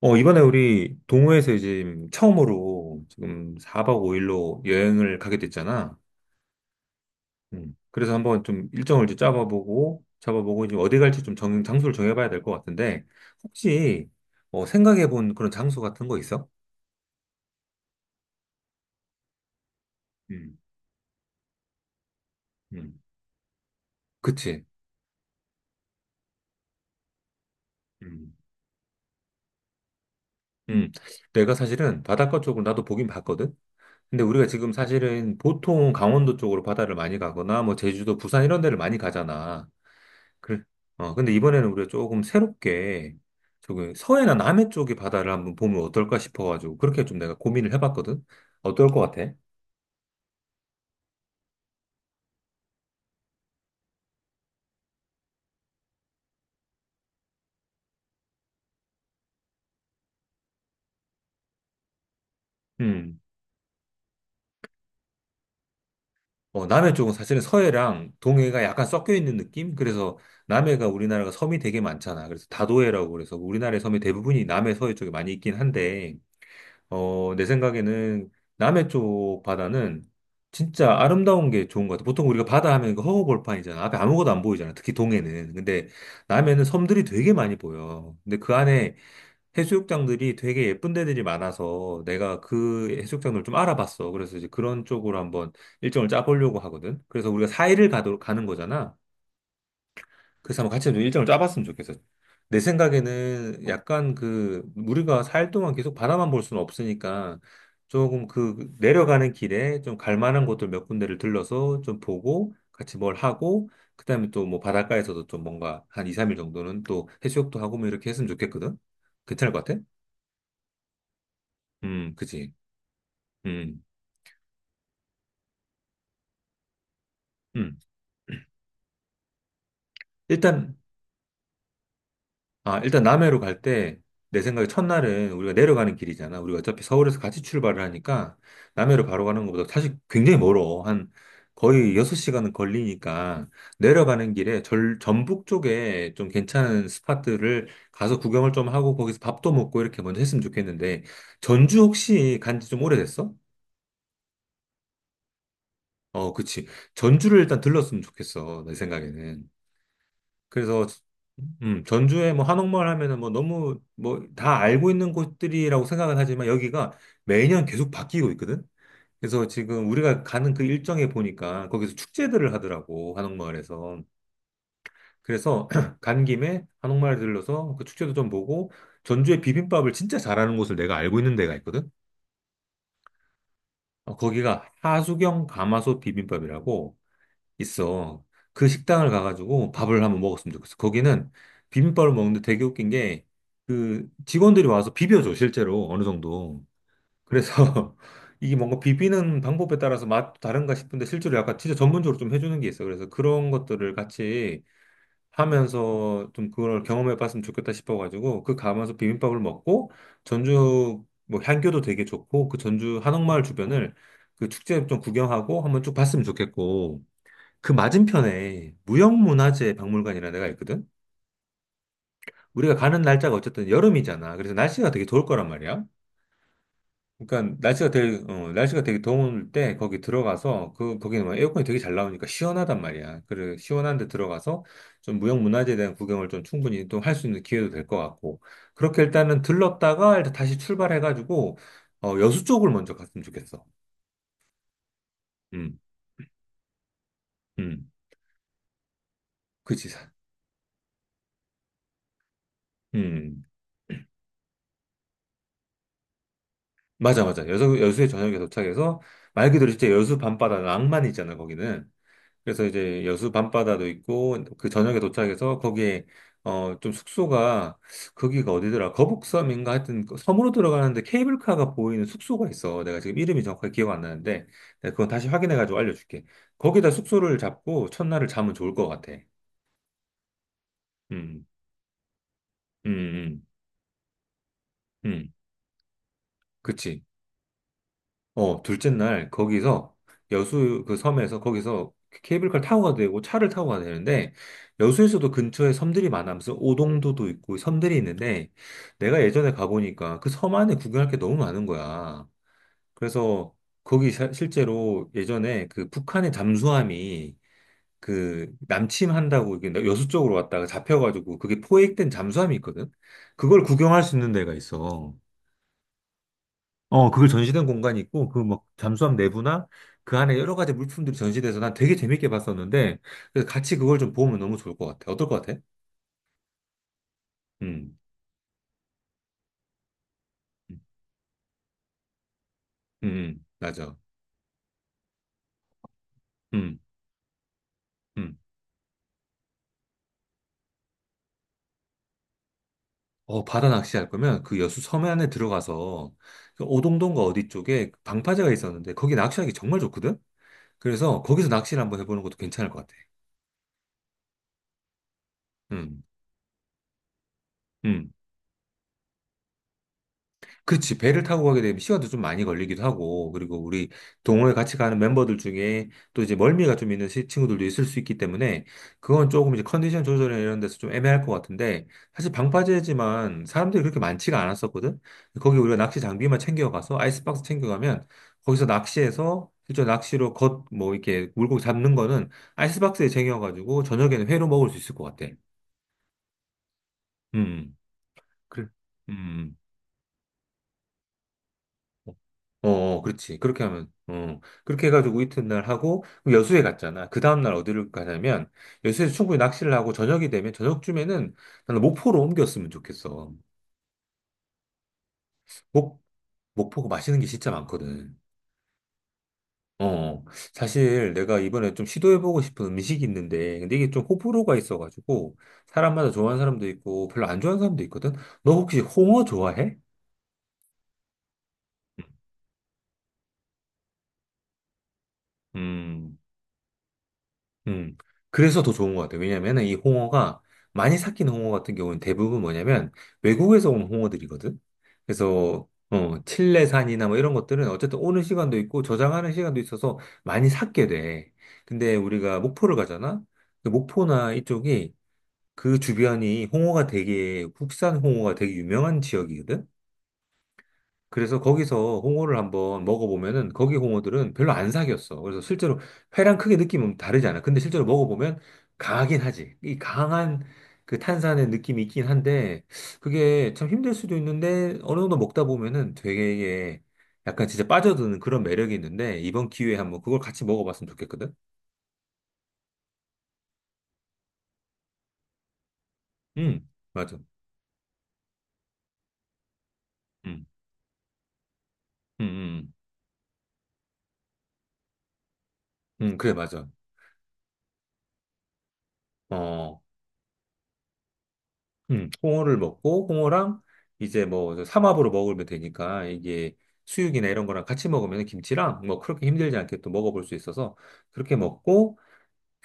이번에 우리 동호회에서 이제 처음으로 지금 4박 5일로 여행을 가게 됐잖아. 음. 그래서 한번 좀 일정을 이제 잡아보고, 이제 어디 갈지 좀 장소를 정해봐야 될 것 같은데, 혹시 생각해본 그런 장소 같은 거 있어? 음, 음. 그치. 음, 음. 내가 사실은 바닷가 쪽을 나도 보긴 봤거든? 근데 우리가 지금 사실은 보통 강원도 쪽으로 바다를 많이 가거나, 뭐 제주도, 부산 이런 데를 많이 가잖아. 그래. 근데 이번에는 우리가 조금 새롭게 저기 서해나 남해 쪽의 바다를 한번 보면 어떨까 싶어가지고 그렇게 좀 내가 고민을 해봤거든. 어떨 것 같아? 음. 남해 쪽은 사실은 서해랑 동해가 약간 섞여 있는 느낌? 그래서 남해가 우리나라가 섬이 되게 많잖아. 그래서 다도해라고 그래서 우리나라의 섬이 대부분이 남해 서해 쪽에 많이 있긴 한데 내 생각에는 남해 쪽 바다는 진짜 아름다운 게 좋은 것 같아. 보통 우리가 바다 하면 그 허허벌판이잖아. 앞에 아무것도 안 보이잖아. 특히 동해는. 근데 남해는 섬들이 되게 많이 보여. 근데 그 안에 해수욕장들이 되게 예쁜 데들이 많아서 내가 그 해수욕장을 좀 알아봤어. 그래서 이제 그런 쪽으로 한번 일정을 짜보려고 하거든. 그래서 우리가 4일을 가는 거잖아. 그래서 한번 같이 좀 일정을 짜봤으면 좋겠어. 내 생각에는 약간 그 우리가 살 동안 계속 바다만 볼 수는 없으니까 조금 그 내려가는 길에 좀 갈 만한 곳들 몇 군데를 들러서 좀 보고 같이 뭘 하고 그다음에 또 뭐 바닷가에서도 좀 뭔가 한 2, 3일 정도는 또 해수욕도 하고 뭐 이렇게 했으면 좋겠거든. 괜찮을 것 같아? 그치. 음, 음. 일단 일단 남해로 갈 때, 내 생각에 첫날은 우리가 내려가는 길이잖아. 우리가 어차피 서울에서 같이 출발을 하니까, 남해로 바로 가는 것보다 사실 굉장히 멀어. 한 거의 6시간은 걸리니까, 내려가는 길에 전북 쪽에 좀 괜찮은 스팟들을 가서 구경을 좀 하고, 거기서 밥도 먹고 이렇게 먼저 했으면 좋겠는데, 전주 혹시 간지 좀 오래됐어? 그치. 전주를 일단 들렀으면 좋겠어. 내 생각에는. 그래서 전주에 뭐 한옥마을 하면은 뭐 너무 뭐 다 알고 있는 곳들이라고 생각은 하지만 여기가 매년 계속 바뀌고 있거든. 그래서 지금 우리가 가는 그 일정에 보니까 거기서 축제들을 하더라고 한옥마을에서. 그래서 간 김에 한옥마을 들러서 그 축제도 좀 보고 전주의 비빔밥을 진짜 잘하는 곳을 내가 알고 있는 데가 있거든. 거기가 하수경 가마솥 비빔밥이라고. 있어. 그 식당을 가가지고 밥을 한번 먹었으면 좋겠어. 거기는 비빔밥을 먹는데 되게 웃긴 게, 그 직원들이 와서 비벼줘, 실제로. 어느 정도. 그래서 이게 뭔가 비비는 방법에 따라서 맛도 다른가 싶은데, 실제로 약간 진짜 전문적으로 좀 해주는 게 있어. 그래서 그런 것들을 같이 하면서 좀 그걸 경험해 봤으면 좋겠다 싶어가지고, 그 가면서 비빔밥을 먹고, 전주 뭐 향교도 되게 좋고, 그 전주 한옥마을 주변을 그 축제 좀 구경하고 한번 쭉 봤으면 좋겠고, 그 맞은편에 무형문화재 박물관이라는 데가 있거든? 우리가 가는 날짜가 어쨌든 여름이잖아. 그래서 날씨가 되게 좋을 거란 말이야. 그러니까 날씨가 되게 더울 때 거기 들어가서 그, 거기는 뭐 에어컨이 되게 잘 나오니까 시원하단 말이야. 그래, 시원한 데 들어가서 좀 무형문화재에 대한 구경을 좀 충분히 또 할 수 있는 기회도 될 것 같고. 그렇게 일단은 들렀다가 일단 다시 출발해가지고, 여수 쪽을 먼저 갔으면 좋겠어. 음, 음, 그치. 음. 맞아, 맞아. 여수에 저녁에 도착해서, 말 그대로 진짜 여수 밤바다 낭만이 있잖아, 거기는. 그래서 이제 여수 밤바다도 있고, 그 저녁에 도착해서 거기에, 좀 숙소가, 거기가 어디더라? 거북섬인가? 하여튼, 그 섬으로 들어가는데 케이블카가 보이는 숙소가 있어. 내가 지금 이름이 정확하게 기억 안 나는데, 내가 그건 다시 확인해가지고 알려줄게. 거기다 숙소를 잡고 첫날을 자면 좋을 것 같아. 음, 음, 음, 음. 그치. 둘째 날 거기서 여수 그 섬에서 거기서 케이블카를 타고 가도 되고 차를 타고 가도 되는데 여수에서도 근처에 섬들이 많아서 오동도도 있고 섬들이 있는데 내가 예전에 가보니까 그 섬 안에 구경할 게 너무 많은 거야. 그래서 거기 실제로 예전에 그 북한의 잠수함이 그 남침한다고 이게 여수 쪽으로 왔다가 잡혀가지고 그게 포획된 잠수함이 있거든. 그걸 구경할 수 있는 데가 있어. 그걸 전시된 공간이 있고, 그 뭐, 잠수함 내부나 그 안에 여러 가지 물품들이 전시돼서 난 되게 재밌게 봤었는데, 그래서 같이 그걸 좀 보면 너무 좋을 것 같아. 어떨 것 같아? 음, 음, 맞아. 음, 음. 바다 낚시할 거면 그 여수 섬에 안에 들어가서 그 오동동과 어디 쪽에 방파제가 있었는데, 거기 낚시하기 정말 좋거든? 그래서 거기서 낚시를 한번 해보는 것도 괜찮을 것 같아. 음, 음. 그치. 배를 타고 가게 되면 시간도 좀 많이 걸리기도 하고, 그리고 우리 동호회 같이 가는 멤버들 중에 또 이제 멀미가 좀 있는 친구들도 있을 수 있기 때문에, 그건 조금 이제 컨디션 조절이나 이런 데서 좀 애매할 것 같은데, 사실 방파제지만 사람들이 그렇게 많지가 않았었거든? 거기 우리가 낚시 장비만 챙겨가서, 아이스박스 챙겨가면, 거기서 낚시해서, 실제 낚시로 뭐, 이렇게 물고기 잡는 거는 아이스박스에 쟁여가지고, 저녁에는 회로 먹을 수 있을 것 같아. 음. 그래. 음. 어, 그렇지. 그렇게 하면. 그렇게 해가지고 이튿날 하고, 그럼 여수에 갔잖아. 그 다음날 어디를 가냐면, 여수에서 충분히 낚시를 하고, 저녁이 되면, 저녁쯤에는 나는 목포로 옮겼으면 좋겠어. 목, 목포가 맛있는 게 진짜 많거든. 어, 사실 내가 이번에 좀 시도해보고 싶은 음식이 있는데, 근데 이게 좀 호불호가 있어가지고, 사람마다 좋아하는 사람도 있고, 별로 안 좋아하는 사람도 있거든? 너 혹시 홍어 좋아해? 음. 음. 그래서 더 좋은 것 같아요. 왜냐면은 이 홍어가 많이 삭힌 홍어 같은 경우는 대부분 뭐냐면 외국에서 온 홍어들이거든. 그래서 칠레산이나 뭐 이런 것들은 어쨌든 오는 시간도 있고 저장하는 시간도 있어서 많이 삭게 돼. 근데 우리가 목포를 가잖아. 그 목포나 이쪽이 그 주변이 홍어가 되게 국산 홍어가 되게 유명한 지역이거든. 그래서 거기서 홍어를 한번 먹어보면은 거기 홍어들은 별로 안 사겼어. 그래서 실제로 회랑 크게 느낌은 다르지 않아. 근데 실제로 먹어보면 강하긴 하지. 이 강한 그 탄산의 느낌이 있긴 한데 그게 참 힘들 수도 있는데 어느 정도 먹다 보면은 되게 약간 진짜 빠져드는 그런 매력이 있는데 이번 기회에 한번 그걸 같이 먹어봤으면 좋겠거든. 음, 맞아. 음, 음, 음, 그래, 맞아. 어. 홍어를 먹고 홍어랑 이제 뭐 삼합으로 먹으면 되니까 이게 수육이나 이런 거랑 같이 먹으면 김치랑 뭐 그렇게 힘들지 않게 또 먹어볼 수 있어서 그렇게 먹고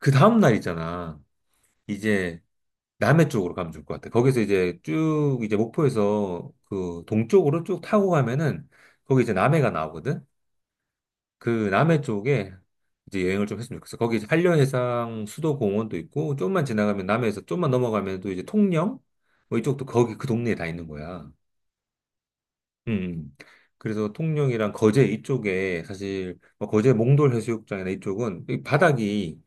그 다음 날 있잖아. 이제 남해 쪽으로 가면 좋을 것 같아. 거기서 이제 쭉 이제 목포에서 그 동쪽으로 쭉 타고 가면은 거기 이제 남해가 나오거든. 그 남해 쪽에 이제 여행을 좀 했으면 좋겠어. 거기 이제 한려해상 수도공원도 있고, 좀만 지나가면 남해에서 좀만 넘어가면 또 이제 통영? 뭐 이쪽도 거기 그 동네에 다 있는 거야. 음. 음. 그래서 통영이랑 거제 이쪽에 사실 뭐 거제 몽돌 해수욕장이나 이쪽은 이 바닥이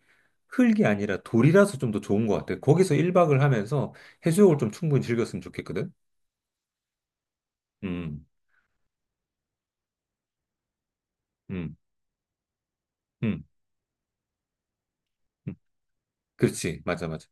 흙이 아니라 돌이라서 좀 더 좋은 것 같아. 거기서 1박을 하면서 해수욕을 좀 충분히 즐겼으면 좋겠거든. 음, 음, 음. 음. 그렇지. 맞아, 맞아.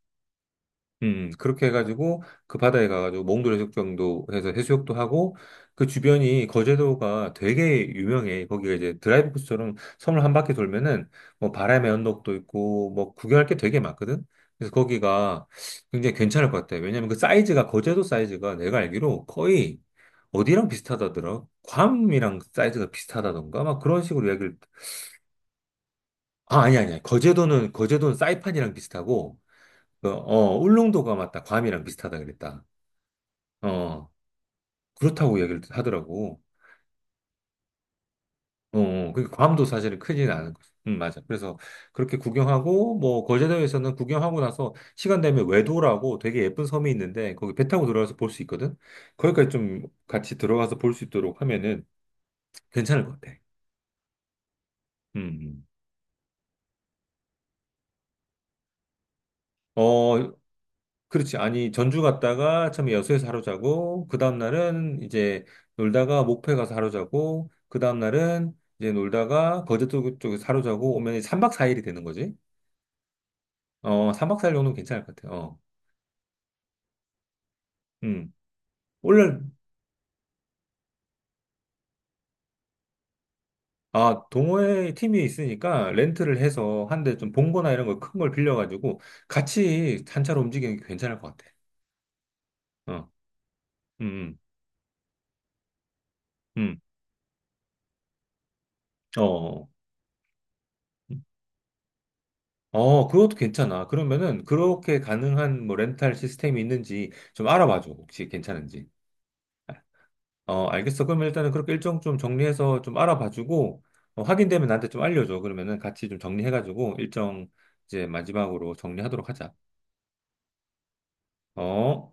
그렇게 해가지고 그 바다에 가가지고 몽돌 해수욕장도 해서 해수욕도 하고 그 주변이 거제도가 되게 유명해. 거기가 이제 드라이브 코스처럼 섬을 한 바퀴 돌면은 뭐 바람의 언덕도 있고 뭐 구경할 게 되게 많거든. 그래서 거기가 굉장히 괜찮을 것 같아. 왜냐면 그 사이즈가 거제도 사이즈가 내가 알기로 거의 어디랑 비슷하다더라. 괌이랑 사이즈가 비슷하다던가 막 그런 식으로 얘기를 아니 아니 거제도는 사이판이랑 비슷하고 울릉도가 맞다. 괌이랑 비슷하다 그랬다. 어, 그렇다고 이야기를 하더라고. 그러니까 괌도 사실은 크지는 않은 거죠. 맞아. 그래서 그렇게 구경하고, 뭐, 거제도에서는 구경하고 나서 시간 되면 외도라고 되게 예쁜 섬이 있는데, 거기 배 타고 들어가서 볼 수 있거든? 거기까지 좀 같이 들어가서 볼 수 있도록 하면은 괜찮을 것 같아. 음. 음. 어, 그렇지. 아니, 전주 갔다가 처음에 여수에서 하루 자고, 그 다음날은 이제 놀다가 목포에 가서 하루 자고, 그 다음날은 이제 놀다가 거제도 쪽에서 하루 자고 오면 3박 4일이 되는 거지. 3박 4일 정도는 괜찮을 것 같아요. 음. 원래, 동호회 팀이 있으니까 렌트를 해서 한 대 좀 봉고나 이런 거 큰 걸 빌려가지고 같이 단차로 움직이는 게 괜찮을 것 같아. 어, 음, 음, 어. 그것도 괜찮아. 그러면은 그렇게 가능한 뭐 렌탈 시스템이 있는지 좀 알아봐줘. 혹시 괜찮은지. 알겠어. 그러면 일단은 그렇게 일정 좀 정리해서 좀 알아봐주고 확인되면 나한테 좀 알려줘. 그러면은 같이 좀 정리해가지고 일정 이제 마지막으로 정리하도록 하자. 어?